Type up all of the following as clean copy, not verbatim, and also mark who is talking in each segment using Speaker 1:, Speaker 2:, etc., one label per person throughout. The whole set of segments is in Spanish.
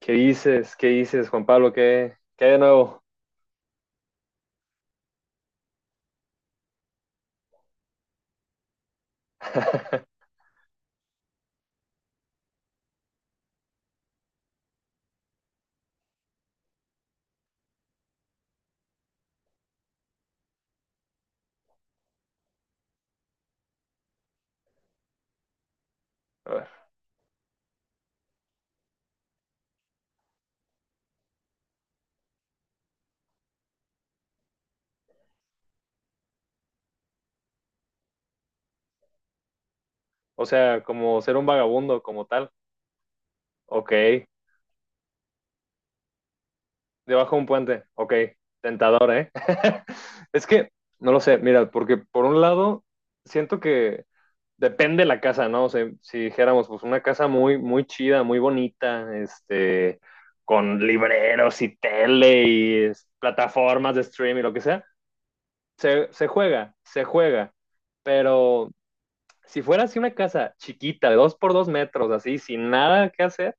Speaker 1: ¿Qué dices? ¿Qué dices, Juan Pablo? ¿Qué, qué hay de nuevo? A ver, o sea, como ser un vagabundo, como tal. Ok. Debajo de un puente. Ok. Tentador, ¿eh? Es que no lo sé, mira, porque por un lado, siento que depende la casa, ¿no? O sea, si dijéramos, pues una casa muy, muy chida, muy bonita, con libreros y tele y plataformas de stream y lo que sea, se juega, se juega. Pero si fuera así una casa chiquita, de dos por dos metros, así, sin nada que hacer,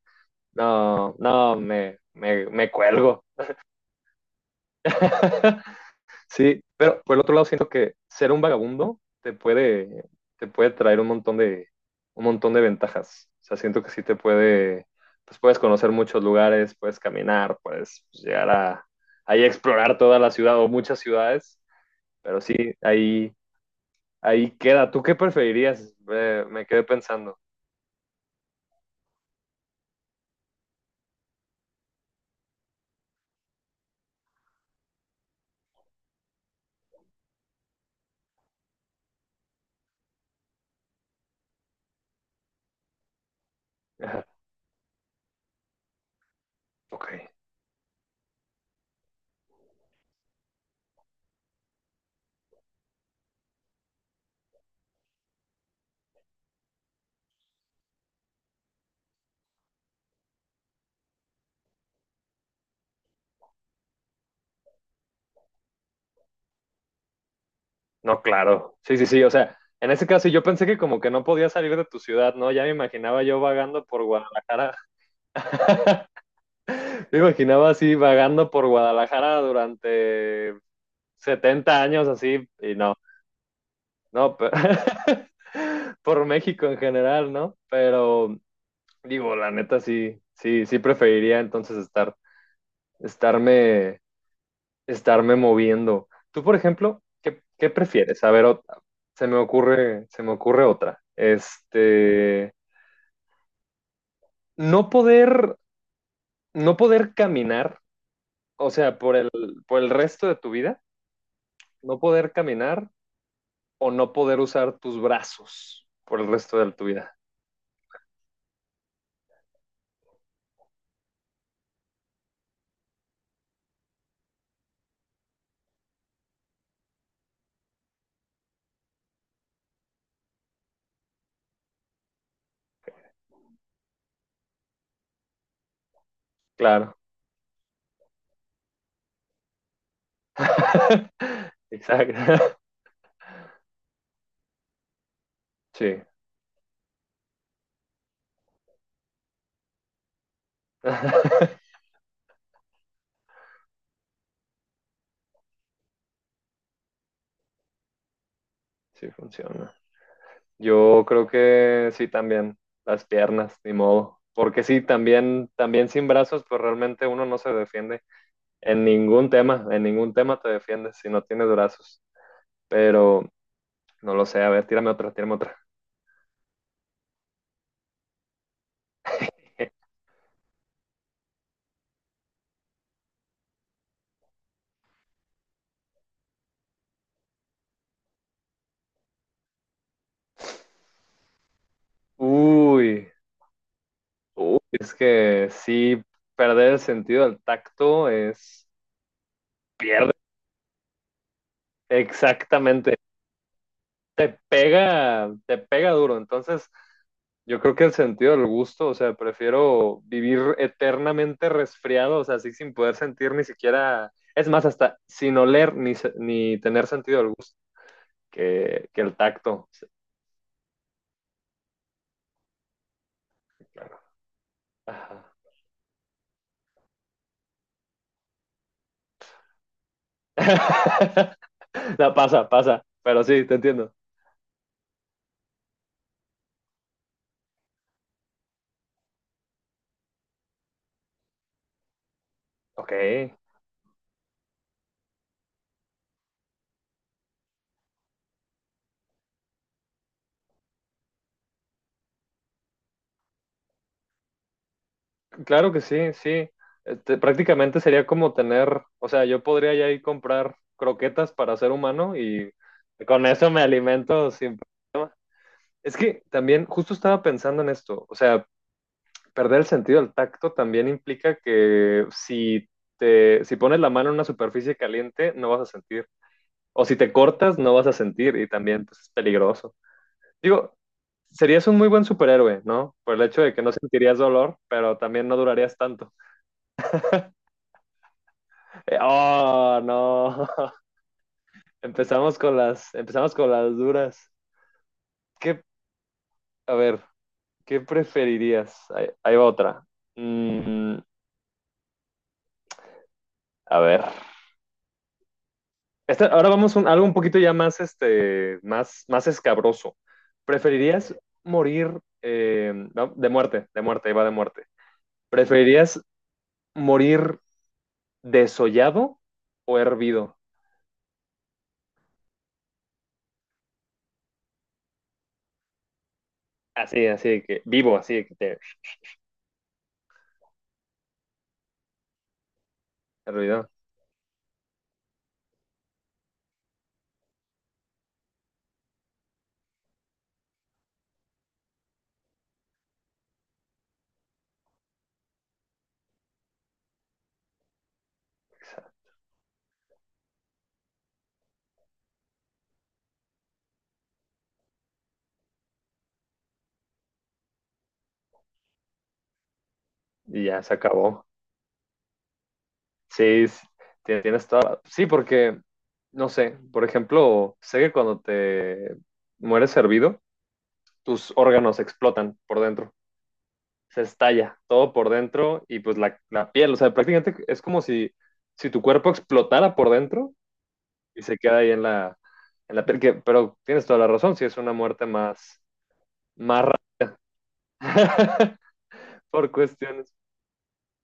Speaker 1: no, no, me cuelgo. Sí, pero por el otro lado siento que ser un vagabundo te puede traer un montón de ventajas. O sea, siento que sí te puede, pues puedes conocer muchos lugares, puedes caminar, puedes llegar a, ahí a explorar toda la ciudad o muchas ciudades, pero sí, ahí, ahí queda. ¿Tú qué preferirías? Me quedé pensando. Ok. No, claro. Sí, sí, sí. O sea, en ese caso yo pensé que como que no podía salir de tu ciudad, ¿no? Ya me imaginaba yo vagando por Guadalajara. Me imaginaba así vagando por Guadalajara durante 70 años así y no, no, pero por México en general, ¿no? Pero digo, la neta sí, sí, sí preferiría entonces estar, estarme estarme moviendo. Tú, por ejemplo, ¿qué, qué prefieres? A ver, otra. Se me ocurre otra. No poder, no poder caminar, o sea, por el resto de tu vida, no poder caminar o no poder usar tus brazos por el resto de tu vida. Claro. Exacto. Sí. Sí funciona. Yo creo que sí también, las piernas, ni modo. Porque sí, también, también sin brazos, pues realmente uno no se defiende en ningún tema te defiendes si no tienes brazos. Pero no lo sé, a ver, tírame otra, tírame otra. Uy, uy, es que sí, perder el sentido del tacto es, pierde, exactamente, te pega duro. Entonces, yo creo que el sentido del gusto, o sea, prefiero vivir eternamente resfriado, o sea, así sin poder sentir ni siquiera, es más, hasta sin oler ni, ni tener sentido del gusto, que el tacto. Sí, claro. Ajá. No, pasa, pasa, pero sí, te entiendo. Ok, claro que sí, sí. Prácticamente sería como tener, o sea, yo podría ya ir comprar croquetas para ser humano y con eso me alimento sin. Es que también justo estaba pensando en esto, o sea, perder el sentido del tacto también implica que si pones la mano en una superficie caliente, no vas a sentir. O si te cortas, no vas a sentir y también pues, es peligroso. Digo, serías un muy buen superhéroe, ¿no? Por el hecho de que no sentirías dolor, pero también no durarías tanto. Oh, no. Empezamos con las duras. ¿Qué, a ver, qué preferirías? Ahí, ahí va otra. Mm, a ver. Ahora vamos a algo un poquito ya más, más, más escabroso. ¿Preferirías morir no, de muerte, ahí va de muerte? ¿Preferirías morir desollado o hervido? Así, así de que vivo, así de que te hervido. Y ya se acabó. Sí, tienes toda. Sí, porque no sé, por ejemplo, sé que cuando te mueres hervido, tus órganos explotan por dentro. Se estalla todo por dentro y pues la piel, o sea, prácticamente es como si, si tu cuerpo explotara por dentro y se queda ahí en la piel, que- pero tienes toda la razón, si es una muerte más, más ra- por cuestiones,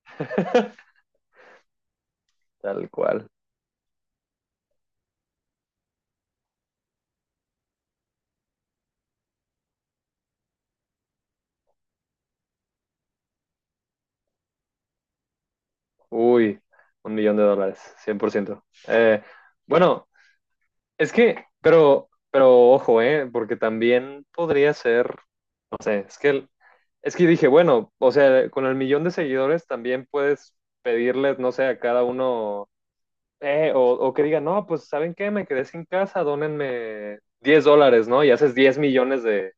Speaker 1: tal cual. Uy, un millón de dólares, 100%. Bueno, es que, pero ojo, ¿eh? Porque también podría ser, no sé, es que dije, bueno, o sea, con el millón de seguidores también puedes pedirles, no sé, a cada uno, eh, o, o que digan, no, pues, ¿saben qué? Me quedé sin casa, dónenme 10 dólares, ¿no? Y haces 10 millones de,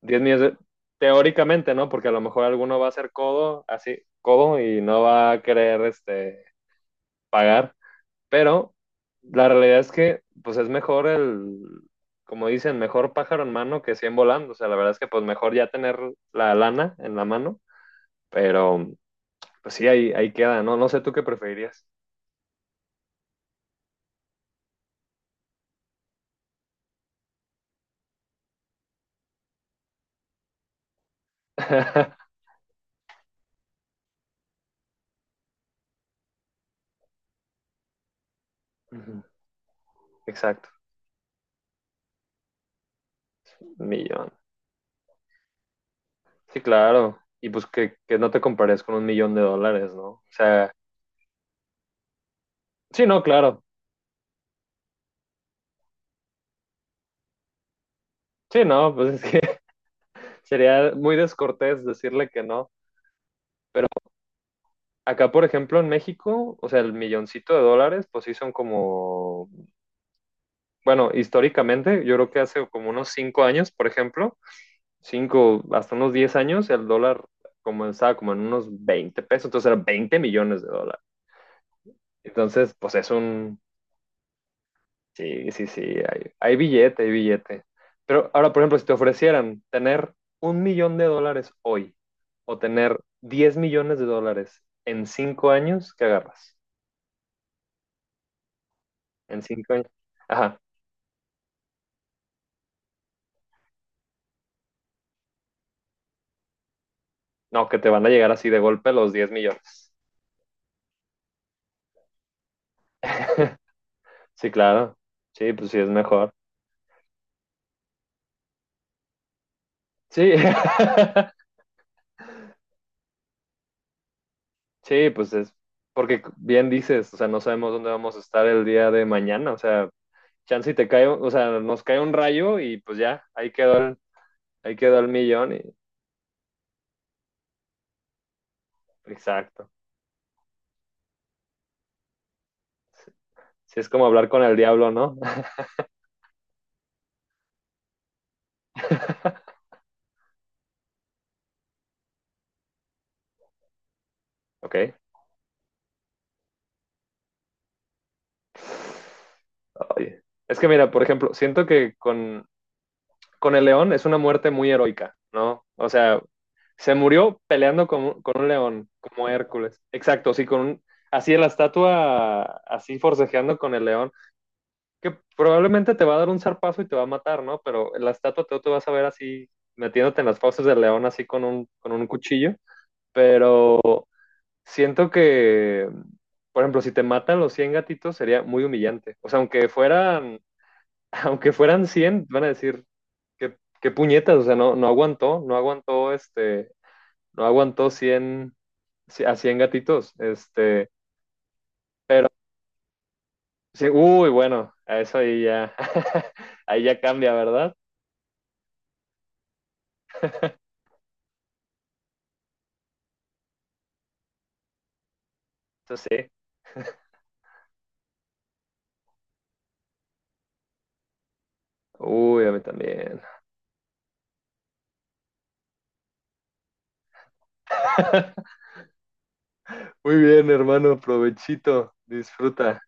Speaker 1: 10 millones de- teóricamente, ¿no? Porque a lo mejor alguno va a ser codo, así, codo, y no va a querer, pagar. Pero la realidad es que, pues es mejor como dicen, mejor pájaro en mano que 100 volando. O sea, la verdad es que, pues mejor ya tener la lana en la mano, pero pues sí, ahí, ahí queda, ¿no? No sé tú qué preferirías. Ujú. Exacto, un millón. Sí, claro. Y pues que no te compares con un millón de dólares, ¿no? O sea, sí, no, claro. Sí, no, pues es que sería muy descortés decirle que no. Acá, por ejemplo, en México, o sea, el milloncito de dólares, pues sí son como, bueno, históricamente, yo creo que hace como unos 5 años, por ejemplo, cinco, hasta unos 10 años, el dólar comenzaba como en unos 20 pesos, entonces eran 20 millones de dólares. Entonces, pues es un, sí, sí, sí, hay billete, hay billete. Pero ahora, por ejemplo, si te ofrecieran tener un millón de dólares hoy o tener 10 millones de dólares en 5 años, ¿qué agarras? En 5 años. Ajá. No, que te van a llegar así de golpe los 10 millones. Sí, claro. Sí, pues sí es mejor. Sí. Sí, pues es porque bien dices, o sea, no sabemos dónde vamos a estar el día de mañana, o sea, chance y te cae, o sea, nos cae un rayo y pues ya, ahí quedó el millón y exacto. Sí, sí, es como hablar con el diablo, ¿no? Ok. Oye. Es que mira, por ejemplo, siento que con el león es una muerte muy heroica, ¿no? O sea, se murió peleando con un león, como Hércules. Exacto, sí, con un, así en la estatua, así forcejeando con el león, que probablemente te va a dar un zarpazo y te va a matar, ¿no? Pero en la estatua tú te vas a ver así metiéndote en las fauces del león así con un cuchillo, pero siento que, por ejemplo, si te matan los 100 gatitos sería muy humillante. O sea, aunque fueran aunque fueran cien, van a decir, qué, qué puñetas, o sea, no, no aguantó, no aguantó, no aguantó 100, a 100 gatitos, sí, uy, bueno, a eso ahí ya, ahí ya cambia, ¿verdad? Entonces sí, uy, a mí también. Muy bien, hermano, provechito, disfruta.